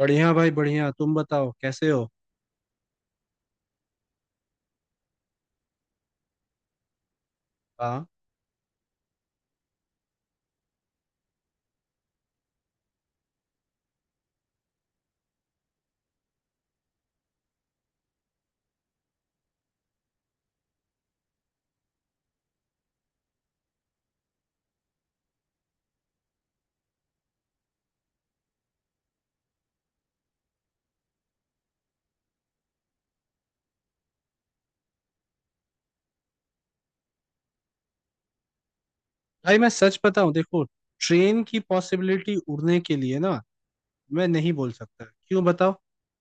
बढ़िया भाई, बढ़िया। तुम बताओ कैसे हो। हाँ। भाई मैं सच बताऊं, देखो ट्रेन की पॉसिबिलिटी उड़ने के लिए ना, मैं नहीं बोल सकता। क्यों बताओ।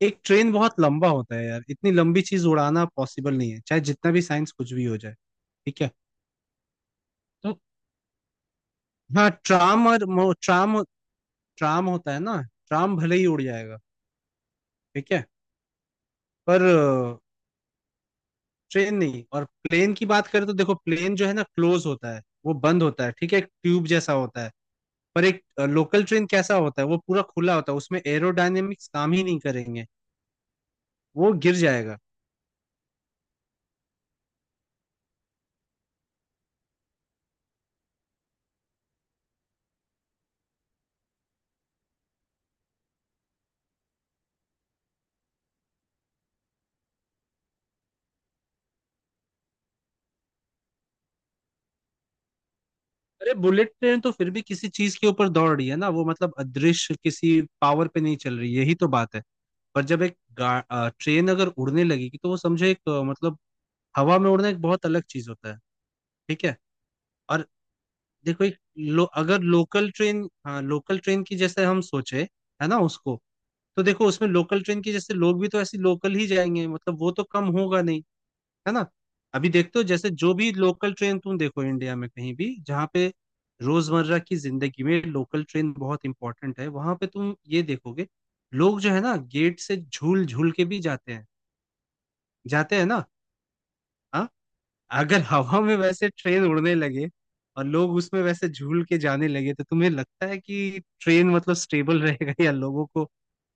एक ट्रेन बहुत लंबा होता है यार। इतनी लंबी चीज उड़ाना पॉसिबल नहीं है, चाहे जितना भी साइंस कुछ भी हो जाए। ठीक है। तो हाँ ट्राम और ट्राम ट्राम होता है ना। ट्राम भले ही उड़ जाएगा। ठीक है। पर ट्रेन नहीं। और प्लेन की बात करें तो देखो, प्लेन जो है ना क्लोज होता है। वो बंद होता है। ठीक है, एक ट्यूब जैसा होता है। पर एक लोकल ट्रेन कैसा होता है? वो पूरा खुला होता है। उसमें एरोडायनेमिक्स काम ही नहीं करेंगे। वो गिर जाएगा। अरे बुलेट ट्रेन तो फिर भी किसी चीज के ऊपर दौड़ रही है ना, वो मतलब अदृश्य किसी पावर पे नहीं चल रही। यही तो बात है। पर जब एक ट्रेन अगर उड़ने लगेगी तो वो समझो, एक मतलब हवा में उड़ना एक बहुत अलग चीज होता है। ठीक है। और देखो एक अगर लोकल ट्रेन, हाँ, लोकल ट्रेन की जैसे हम सोचे, है ना, उसको। तो देखो उसमें लोकल ट्रेन की जैसे लोग भी तो ऐसी लोकल ही जाएंगे, मतलब वो तो कम होगा नहीं। है ना। अभी देखते हो, जैसे जो भी लोकल ट्रेन तुम देखो इंडिया में कहीं भी, जहाँ पे रोजमर्रा की जिंदगी में लोकल ट्रेन बहुत इंपॉर्टेंट है, वहां पे तुम ये देखोगे, लोग जो है ना गेट से झूल झूल के भी जाते हैं। जाते हैं ना। हाँ। अगर हवा में वैसे ट्रेन उड़ने लगे और लोग उसमें वैसे झूल के जाने लगे, तो तुम्हें लगता है कि ट्रेन मतलब स्टेबल रहेगा या लोगों को,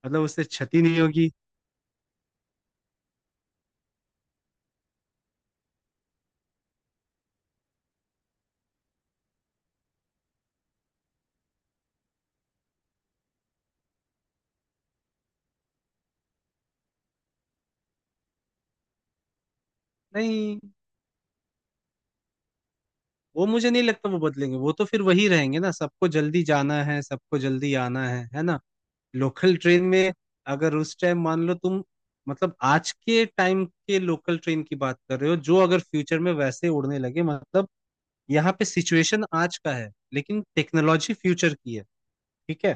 मतलब उससे क्षति नहीं होगी? नहीं, वो मुझे नहीं लगता वो बदलेंगे। वो तो फिर वही रहेंगे ना, सबको जल्दी जाना है, सबको जल्दी आना है ना। लोकल ट्रेन में अगर उस टाइम, मान लो तुम मतलब आज के टाइम के लोकल ट्रेन की बात कर रहे हो, जो अगर फ्यूचर में वैसे उड़ने लगे, मतलब यहाँ पे सिचुएशन आज का है लेकिन टेक्नोलॉजी फ्यूचर की है। ठीक है।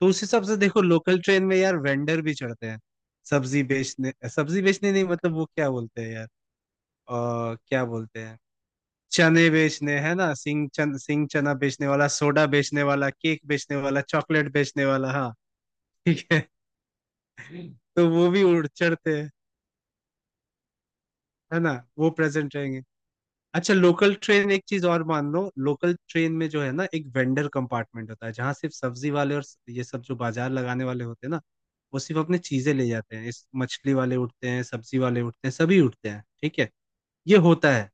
तो उस हिसाब से देखो, लोकल ट्रेन में यार वेंडर भी चढ़ते हैं, सब्जी बेचने। सब्जी बेचने नहीं, मतलब वो क्या बोलते हैं यार, क्या बोलते हैं। चने बेचने, है ना, सिंह चना बेचने वाला, सोडा बेचने वाला, केक बेचने वाला, चॉकलेट बेचने वाला। हाँ, ठीक है। तो वो भी उड़ चढ़ते हैं, है ना, वो प्रेजेंट रहेंगे। अच्छा, लोकल ट्रेन एक चीज और मान लो, लोकल ट्रेन में जो है ना एक वेंडर कंपार्टमेंट होता है, जहाँ सिर्फ सब्जी वाले और ये सब जो बाजार लगाने वाले होते हैं ना, वो सिर्फ अपने चीजें ले जाते हैं। इस मछली वाले उठते हैं, सब्जी वाले उठते हैं, सभी उठते हैं, ठीक है। ये होता है।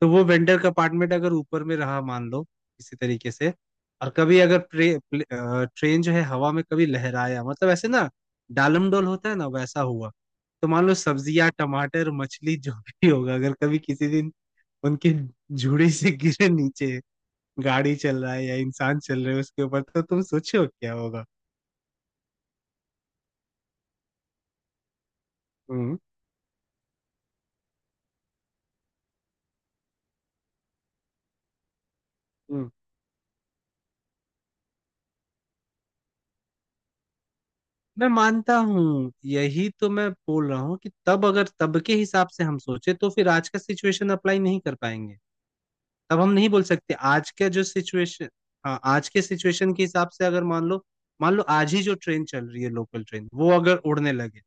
तो वो वेंडर का अपार्टमेंट अगर ऊपर में रहा, मान लो किसी तरीके से, और कभी अगर ट्रेन जो है हवा में कभी लहराया, मतलब ऐसे ना डालमडोल होता है ना, वैसा हुआ। तो मान लो सब्जियां, टमाटर, मछली, जो भी होगा अगर कभी किसी दिन उनके झुड़ी से गिरे नीचे, गाड़ी चल रहा है या इंसान चल रहे है उसके ऊपर, तो तुम सोचो क्या होगा। हम्म। हम्म। मैं मानता हूँ यही तो मैं बोल रहा हूँ, कि तब अगर तब के हिसाब से हम सोचे तो फिर आज का सिचुएशन अप्लाई नहीं कर पाएंगे। अब हम नहीं बोल सकते आज का जो सिचुएशन। हाँ, आज के सिचुएशन के हिसाब से अगर मान लो, मान लो आज ही जो ट्रेन चल रही है लोकल ट्रेन, वो अगर उड़ने लगे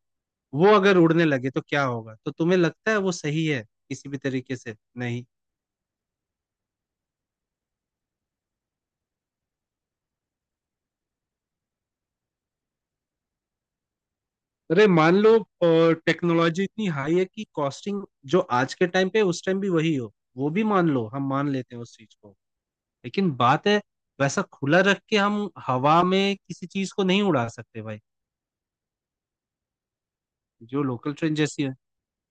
वो अगर उड़ने लगे तो क्या होगा, तो तुम्हें लगता है वो सही है? किसी भी तरीके से नहीं। अरे मान लो टेक्नोलॉजी इतनी हाई है कि कॉस्टिंग जो आज के टाइम पे है, उस टाइम भी वही हो, वो भी मान लो, हम मान लेते हैं उस चीज को। लेकिन बात है, वैसा खुला रख के हम हवा में किसी चीज को नहीं उड़ा सकते भाई। जो लोकल ट्रेन जैसी है,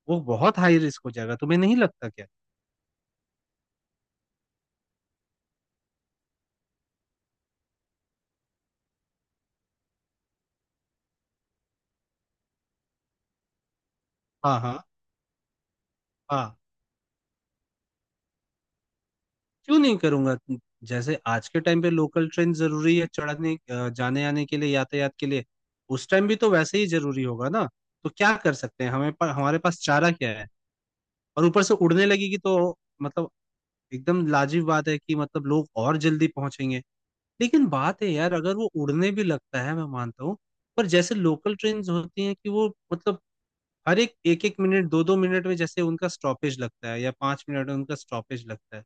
वो बहुत हाई रिस्क हो जाएगा, तुम्हें नहीं लगता क्या? हाँ, हाँ, हाँ। क्यों नहीं करूंगा? जैसे आज के टाइम पे लोकल ट्रेन जरूरी है चढ़ने, जाने आने के लिए, यातायात के लिए, उस टाइम भी तो वैसे ही जरूरी होगा ना। तो क्या कर सकते हैं, हमारे पास चारा क्या है। और ऊपर से उड़ने लगेगी तो मतलब एकदम लाजिब बात है कि मतलब लोग और जल्दी पहुंचेंगे। लेकिन बात है यार, अगर वो उड़ने भी लगता है मैं मानता हूँ, पर जैसे लोकल ट्रेन होती हैं कि वो मतलब हर एक एक एक मिनट, दो दो मिनट में जैसे उनका स्टॉपेज लगता है, या 5 मिनट में उनका स्टॉपेज लगता है।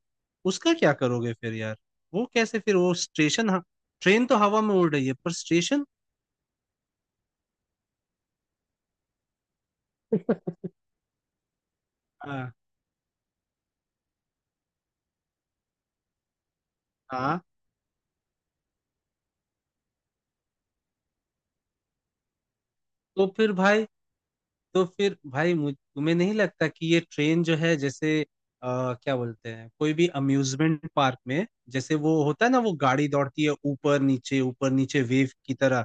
उसका क्या करोगे फिर यार? वो कैसे, फिर वो स्टेशन? हाँ, ट्रेन तो हवा में उड़ रही है पर स्टेशन? हाँ, हाँ। तो फिर भाई तो फिर भाई, मुझ तुम्हें नहीं लगता कि ये ट्रेन जो है जैसे क्या बोलते हैं, कोई भी अम्यूजमेंट पार्क में जैसे वो होता है ना, वो गाड़ी दौड़ती है ऊपर नीचे वेव की तरह।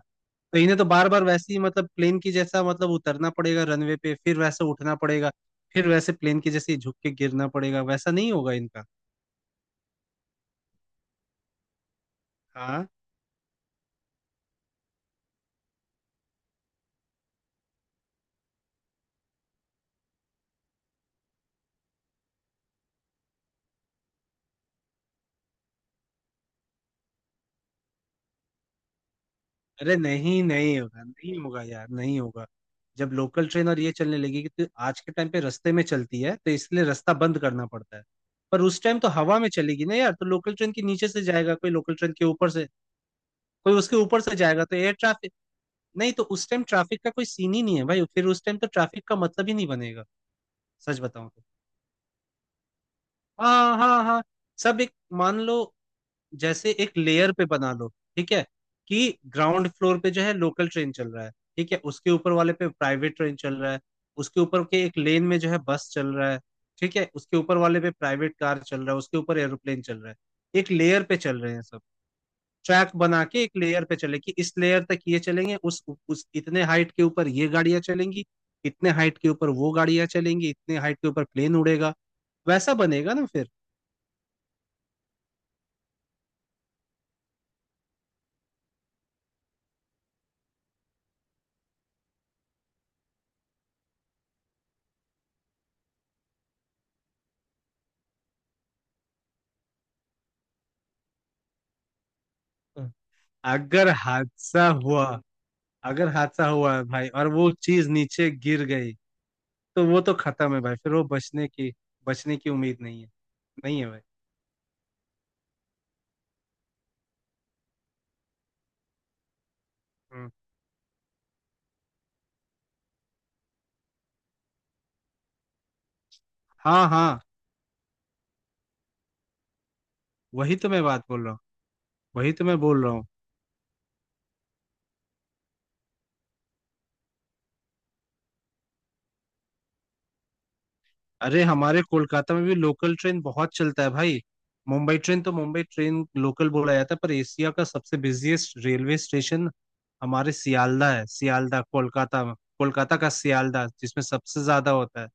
तो इन्हें तो बार बार वैसे ही मतलब प्लेन की जैसा मतलब उतरना पड़ेगा रनवे पे, फिर वैसे उठना पड़ेगा, फिर वैसे प्लेन की जैसे ही झुक के गिरना पड़ेगा, वैसा नहीं होगा इनका। हाँ। अरे नहीं, नहीं होगा, नहीं होगा यार, नहीं होगा। जब लोकल ट्रेन और ये चलने लगेगी तो आज के टाइम पे रास्ते में चलती है तो इसलिए रास्ता बंद करना पड़ता है। पर उस टाइम तो हवा में चलेगी ना यार, तो लोकल ट्रेन के नीचे से जाएगा कोई, लोकल ट्रेन के ऊपर से कोई उसके ऊपर से जाएगा तो एयर ट्रैफिक। नहीं तो उस टाइम ट्रैफिक का कोई सीन ही नहीं है भाई, फिर उस टाइम तो ट्रैफिक का मतलब ही नहीं बनेगा। सच बताऊं तो। हाँ, हाँ, हाँ। सब एक, मान लो जैसे एक लेयर पे बना लो, ठीक है, कि ग्राउंड फ्लोर पे जो है लोकल ट्रेन चल रहा है, ठीक है, उसके ऊपर वाले पे प्राइवेट ट्रेन चल रहा है, उसके ऊपर के एक लेन में जो है बस चल रहा है, ठीक है, उसके ऊपर वाले पे प्राइवेट कार चल रहा है, उसके ऊपर एरोप्लेन चल रहा है, एक लेयर पे चल रहे हैं सब। ट्रैक बना के एक लेयर पे चले कि इस लेयर तक ये चलेंगे, उस इतने हाइट के ऊपर ये गाड़ियां चलेंगी, इतने हाइट के ऊपर वो गाड़ियां चलेंगी, इतने हाइट के ऊपर प्लेन उड़ेगा। वैसा बनेगा ना फिर। हम्म। अगर हादसा हुआ अगर हादसा हुआ है भाई, और वो चीज नीचे गिर गई, तो वो तो खत्म है भाई। फिर वो बचने की उम्मीद नहीं है। नहीं है भाई। हम्म, हाँ, हाँ। वही तो मैं बात बोल रहा हूँ, वही तो मैं बोल रहा हूँ। अरे हमारे कोलकाता में भी लोकल ट्रेन बहुत चलता है भाई। मुंबई ट्रेन तो, मुंबई ट्रेन लोकल बोला जाता है, पर एशिया का सबसे बिजिएस्ट रेलवे स्टेशन हमारे सियालदा है, सियालदा कोलकाता में। कोलकाता का सियालदा जिसमें सबसे ज्यादा होता है।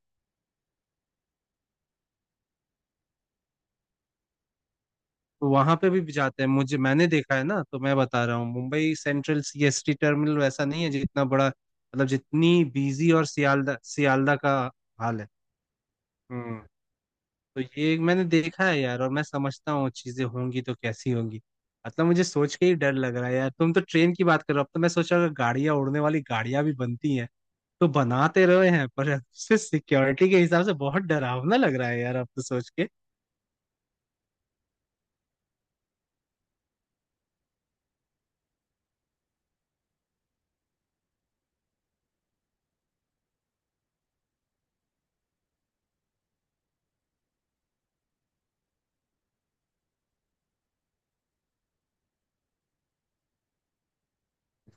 तो वहां पे भी जाते हैं मुझे, मैंने देखा है ना, तो मैं बता रहा हूँ मुंबई सेंट्रल सीएसटी टर्मिनल वैसा नहीं है जितना बड़ा, मतलब जितनी बिजी, और सियालदा, सियालदा का हाल है। हम्म। तो ये मैंने देखा है यार, और मैं समझता हूँ चीजें होंगी तो कैसी होंगी, मतलब मुझे सोच के ही डर लग रहा है यार। तुम तो ट्रेन की बात करो, अब तो मैं सोच रहा हूँ गाड़ियां, उड़ने वाली गाड़ियां भी बनती हैं, तो बनाते रहे हैं पर सिक्योरिटी के हिसाब से बहुत डरावना लग रहा है यार, अब तो सोच के।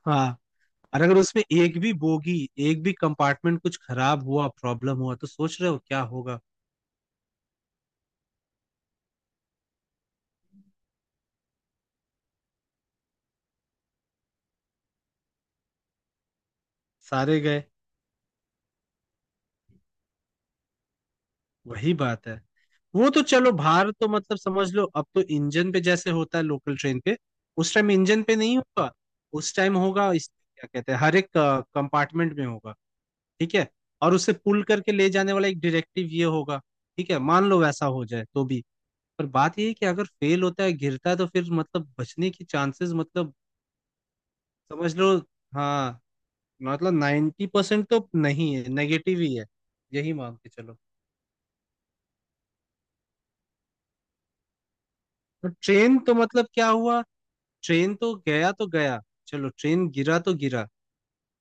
हाँ। और अगर उसमें एक भी बोगी, एक भी कंपार्टमेंट कुछ खराब हुआ, प्रॉब्लम हुआ तो सोच रहे हो क्या होगा। सारे गए। वही बात है, वो तो चलो भार तो मतलब समझ लो, अब तो इंजन पे जैसे होता है लोकल ट्रेन पे, उस टाइम इंजन पे नहीं होगा, उस टाइम होगा इस क्या कहते हैं, हर एक कंपार्टमेंट में होगा, ठीक है। और उसे पुल करके ले जाने वाला एक डायरेक्टिव ये होगा, ठीक है, मान लो वैसा हो जाए तो भी। पर बात ये है कि अगर फेल होता है, गिरता है, तो फिर मतलब बचने की चांसेस, मतलब समझ लो। हाँ, मतलब 90% तो नहीं है, नेगेटिव ही है, यही मान के चलो। तो ट्रेन तो मतलब क्या हुआ, ट्रेन तो गया तो गया, चलो, ट्रेन गिरा तो गिरा।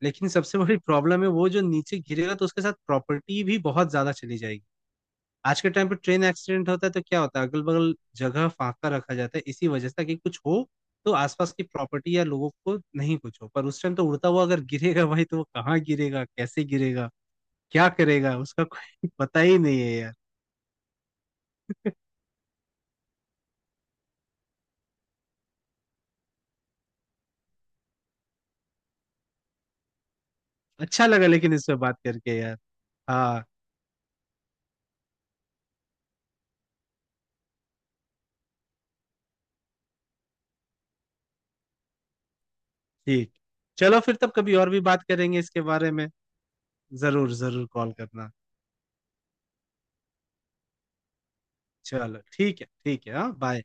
लेकिन सबसे बड़ी प्रॉब्लम है वो जो नीचे गिरेगा तो उसके साथ प्रॉपर्टी भी बहुत ज्यादा चली जाएगी। आज के टाइम पे ट्रेन एक्सीडेंट होता है तो क्या होता है, अगल बगल जगह फांका रखा जाता है, इसी वजह से, ताकि कुछ हो तो आसपास की प्रॉपर्टी या लोगों को नहीं कुछ हो। पर उस टाइम तो उड़ता हुआ अगर गिरेगा भाई, तो वो कहाँ गिरेगा, कैसे गिरेगा, क्या करेगा उसका कोई पता ही नहीं है यार। अच्छा लगा लेकिन इस पे बात करके यार। हाँ, ठीक। चलो फिर, तब कभी और भी बात करेंगे इसके बारे में। जरूर जरूर कॉल करना। चलो, ठीक है, ठीक है, हाँ, बाय।